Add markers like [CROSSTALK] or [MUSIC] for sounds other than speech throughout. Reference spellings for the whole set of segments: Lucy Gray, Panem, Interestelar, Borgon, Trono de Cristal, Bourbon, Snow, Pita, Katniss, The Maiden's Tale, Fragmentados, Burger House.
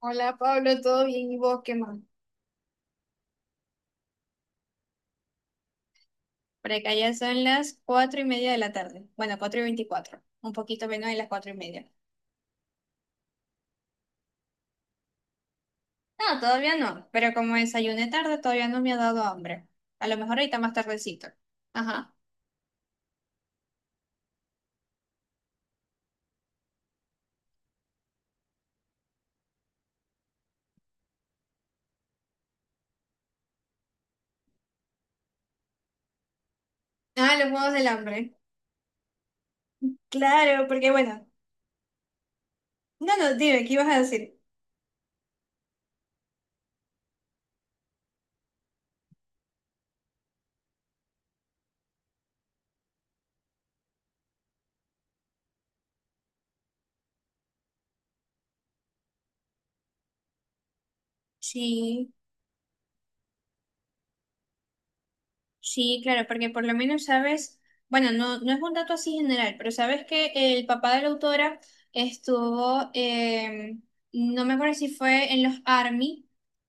Hola Pablo, ¿todo bien? ¿Y vos qué más? Por acá ya son las 4:30 de la tarde. Bueno, 4:24. Un poquito menos de las 4:30. No, todavía no. Pero como desayuné tarde, todavía no me ha dado hambre. A lo mejor ahorita más tardecito. Ajá. Ah, los Juegos del Hambre. Claro, porque bueno. No, no, dime, ¿qué ibas a decir? Sí. Sí, claro, porque por lo menos sabes, bueno, no, no es un dato así general, pero sabes que el papá de la autora estuvo, no me acuerdo si fue en los Army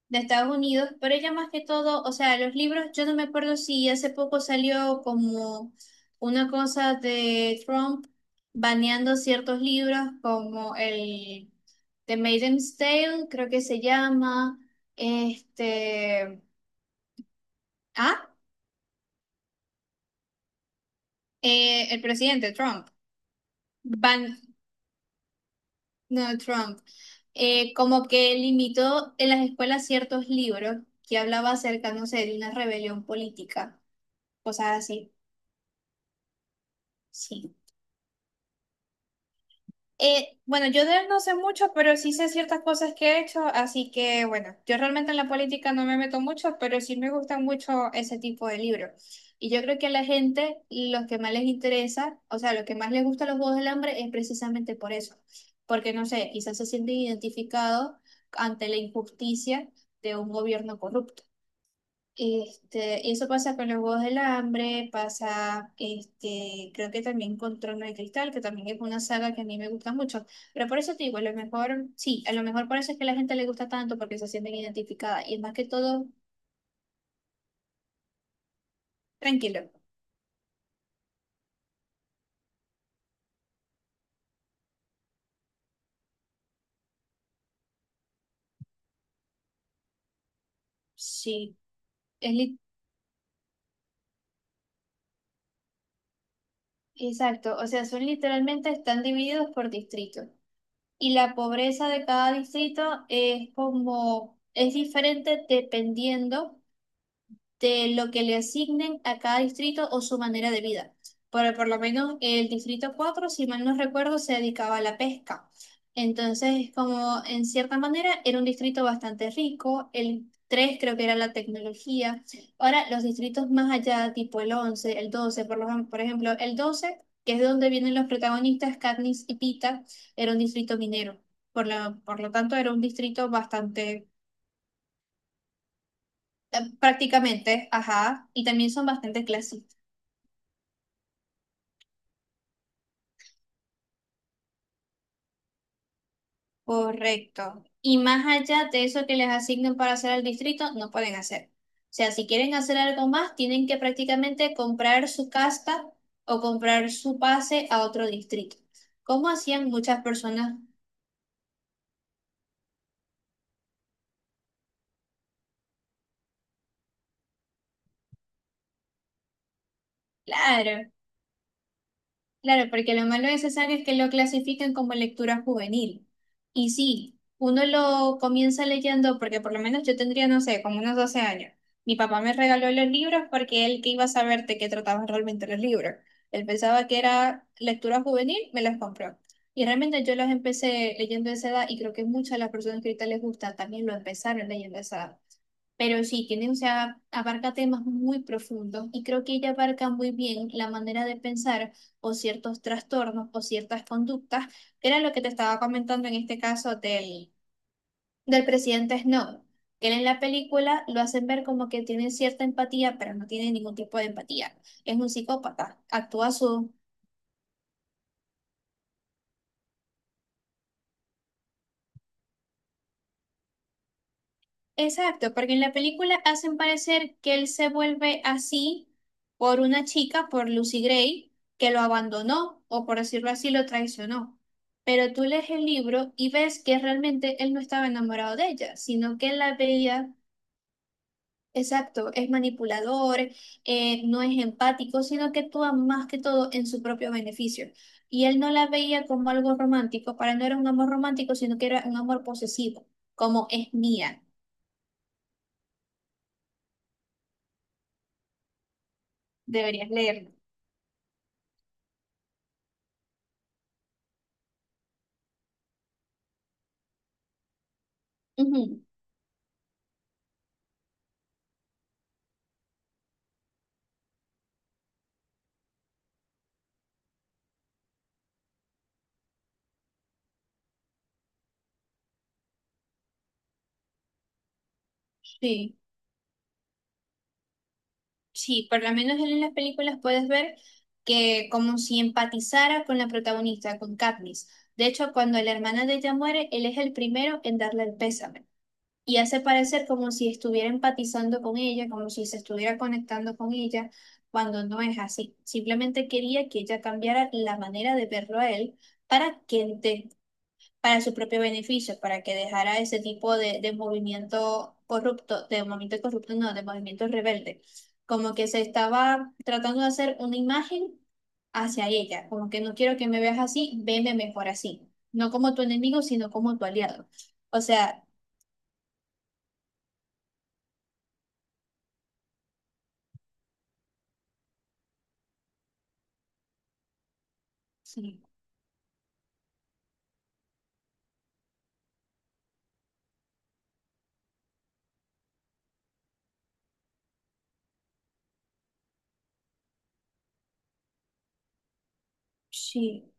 de Estados Unidos, pero ella más que todo, o sea, los libros, yo no me acuerdo si hace poco salió como una cosa de Trump baneando ciertos libros como el The Maiden's Tale, creo que se llama, este, ah, el presidente Trump. Van, no, Trump, como que limitó en las escuelas ciertos libros que hablaba acerca, no sé, de una rebelión política, cosas así. Sí. Bueno, yo de él no sé mucho, pero sí sé ciertas cosas que he hecho, así que bueno, yo realmente en la política no me meto mucho, pero sí me gustan mucho ese tipo de libros. Y yo creo que a la gente lo que más les interesa, o sea, lo que más les gusta a los Juegos del Hambre es precisamente por eso, porque no sé, quizás se sienten identificados ante la injusticia de un gobierno corrupto. Este, y eso pasa con los Juegos del Hambre, pasa, este, creo que también con Trono de Cristal, que también es una saga que a mí me gusta mucho. Pero por eso te digo, a lo mejor, sí, a lo mejor por eso es que a la gente le gusta tanto, porque se sienten identificadas. Y es más que todo, tranquilo. Sí, es li- exacto. O sea, son literalmente, están divididos por distritos. Y la pobreza de cada distrito es como, es diferente dependiendo de lo que le asignen a cada distrito o su manera de vida. Pero por lo menos el distrito 4, si mal no recuerdo, se dedicaba a la pesca. Entonces, como en cierta manera era un distrito bastante rico, el 3 creo que era la tecnología. Ahora, los distritos más allá, tipo el 11, el 12, por ejemplo, el 12 que es de donde vienen los protagonistas, Katniss y Pita, era un distrito minero. Por lo tanto, era un distrito bastante, prácticamente, ajá, y también son bastante clasistas. Correcto. Y más allá de eso que les asignen para hacer al distrito, no pueden hacer. O sea, si quieren hacer algo más, tienen que prácticamente comprar su casta o comprar su pase a otro distrito. ¿Como hacían muchas personas? Claro. Claro, porque lo malo de César es que lo clasifican como lectura juvenil. Y sí, uno lo comienza leyendo porque por lo menos yo tendría, no sé, como unos 12 años. Mi papá me regaló los libros porque él que iba a saber de qué trataban realmente los libros. Él pensaba que era lectura juvenil, me los compró. Y realmente yo los empecé leyendo a esa edad y creo que muchas de las personas que ahorita les gusta también lo empezaron leyendo a esa edad. Pero sí, tiene, o sea, abarca temas muy profundos y creo que ella abarca muy bien la manera de pensar o ciertos trastornos o ciertas conductas, que era lo que te estaba comentando en este caso del presidente Snow, que él en la película lo hacen ver como que tiene cierta empatía, pero no tiene ningún tipo de empatía. Es un psicópata, actúa a su. Exacto, porque en la película hacen parecer que él se vuelve así por una chica, por Lucy Gray, que lo abandonó o por decirlo así, lo traicionó. Pero tú lees el libro y ves que realmente él no estaba enamorado de ella, sino que él la veía, exacto, es manipulador, no es empático, sino que actúa más que todo en su propio beneficio. Y él no la veía como algo romántico, para él no era un amor romántico, sino que era un amor posesivo, como es mía. Deberías leerlo. Ujú, sí, sí, por lo menos en las películas puedes ver que como si empatizara con la protagonista, con Katniss. De hecho, cuando la hermana de ella muere, él es el primero en darle el pésame y hace parecer como si estuviera empatizando con ella, como si se estuviera conectando con ella, cuando no es así. Simplemente quería que ella cambiara la manera de verlo a él para que para su propio beneficio, para que dejara ese tipo de movimiento corrupto, de movimiento corrupto, no, de movimiento rebelde, como que se estaba tratando de hacer una imagen hacia ella, como que no quiero que me veas así, veme mejor así, no como tu enemigo, sino como tu aliado. O sea, sí, sí.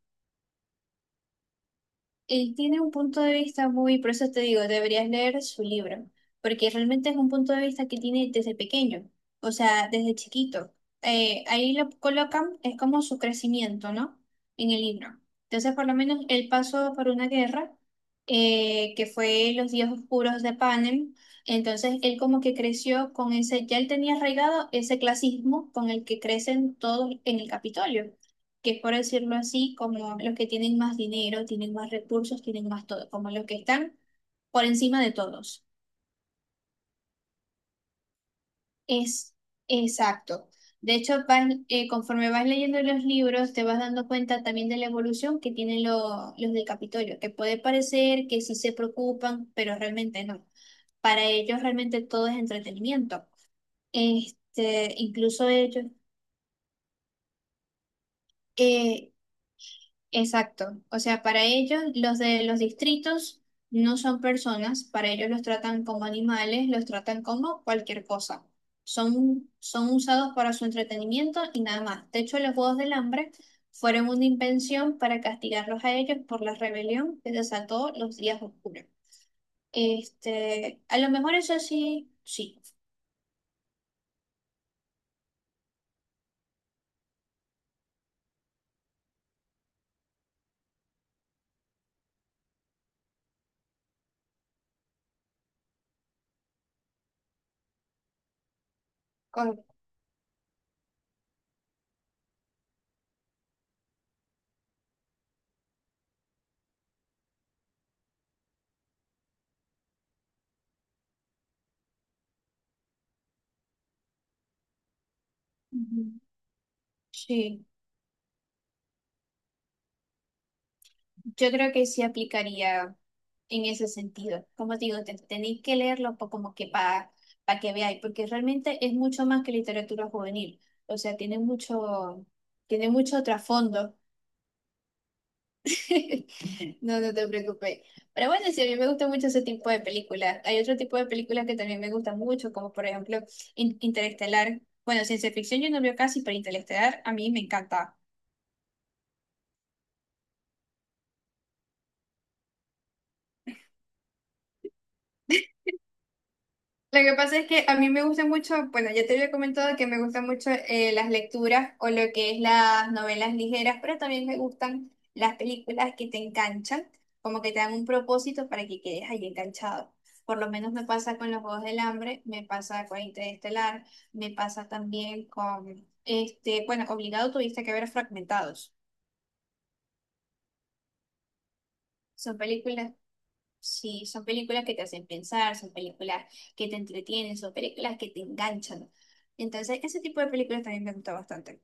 Él tiene un punto de vista muy, por eso te digo, deberías leer su libro, porque realmente es un punto de vista que tiene desde pequeño, o sea, desde chiquito. Ahí lo colocan, es como su crecimiento, ¿no? En el libro. Entonces, por lo menos él pasó por una guerra, que fue los días oscuros de Panem. Entonces, él como que creció con ese, ya él tenía arraigado ese clasismo con el que crecen todos en el Capitolio, que es por decirlo así, como los que tienen más dinero, tienen más recursos, tienen más todo, como los que están por encima de todos. Es Exacto. De hecho, conforme vas leyendo los libros, te vas dando cuenta también de la evolución que tienen los del Capitolio, que puede parecer que sí se preocupan, pero realmente no. Para ellos realmente todo es entretenimiento. Este, incluso ellos, eh, exacto. O sea, para ellos los de los distritos no son personas, para ellos los tratan como animales, los tratan como cualquier cosa. Son usados para su entretenimiento y nada más. De hecho, los Juegos del Hambre fueron una invención para castigarlos a ellos por la rebelión que desató los días oscuros. Este, a lo mejor eso sí, sí. Con- Ujú. Sí. Yo creo que sí aplicaría en ese sentido. Como digo, tenéis que leerlo como que para que veáis, porque realmente es mucho más que literatura juvenil. O sea, tiene mucho trasfondo. [LAUGHS] No, no te preocupes. Pero bueno, sí, a mí me gusta mucho ese tipo de películas. Hay otro tipo de películas que también me gustan mucho, como por ejemplo Interestelar. Bueno, ciencia ficción yo no veo casi, pero Interestelar a mí me encanta. Lo que pasa es que a mí me gusta mucho, bueno, ya te había comentado que me gustan mucho las lecturas o lo que es las novelas ligeras, pero también me gustan las películas que te enganchan, como que te dan un propósito para que quedes ahí enganchado. Por lo menos me pasa con los Juegos del Hambre, me pasa con Interestelar, me pasa también con, este, bueno, obligado tuviste que ver Fragmentados. Son películas Sí, son películas que te hacen pensar, son películas que te entretienen, son películas que te enganchan. Entonces, ese tipo de películas también me gusta bastante.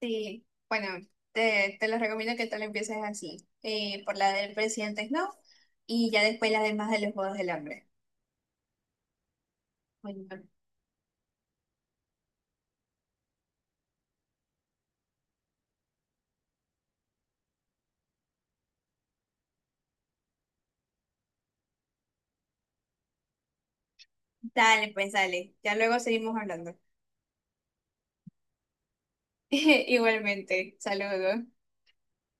Sí, bueno, te los recomiendo que tú lo empieces así, por la del presidente Snow y ya después las demás de los Juegos del Hambre. Bueno, dale, pues dale, ya luego seguimos hablando. [LAUGHS] Igualmente, saludos.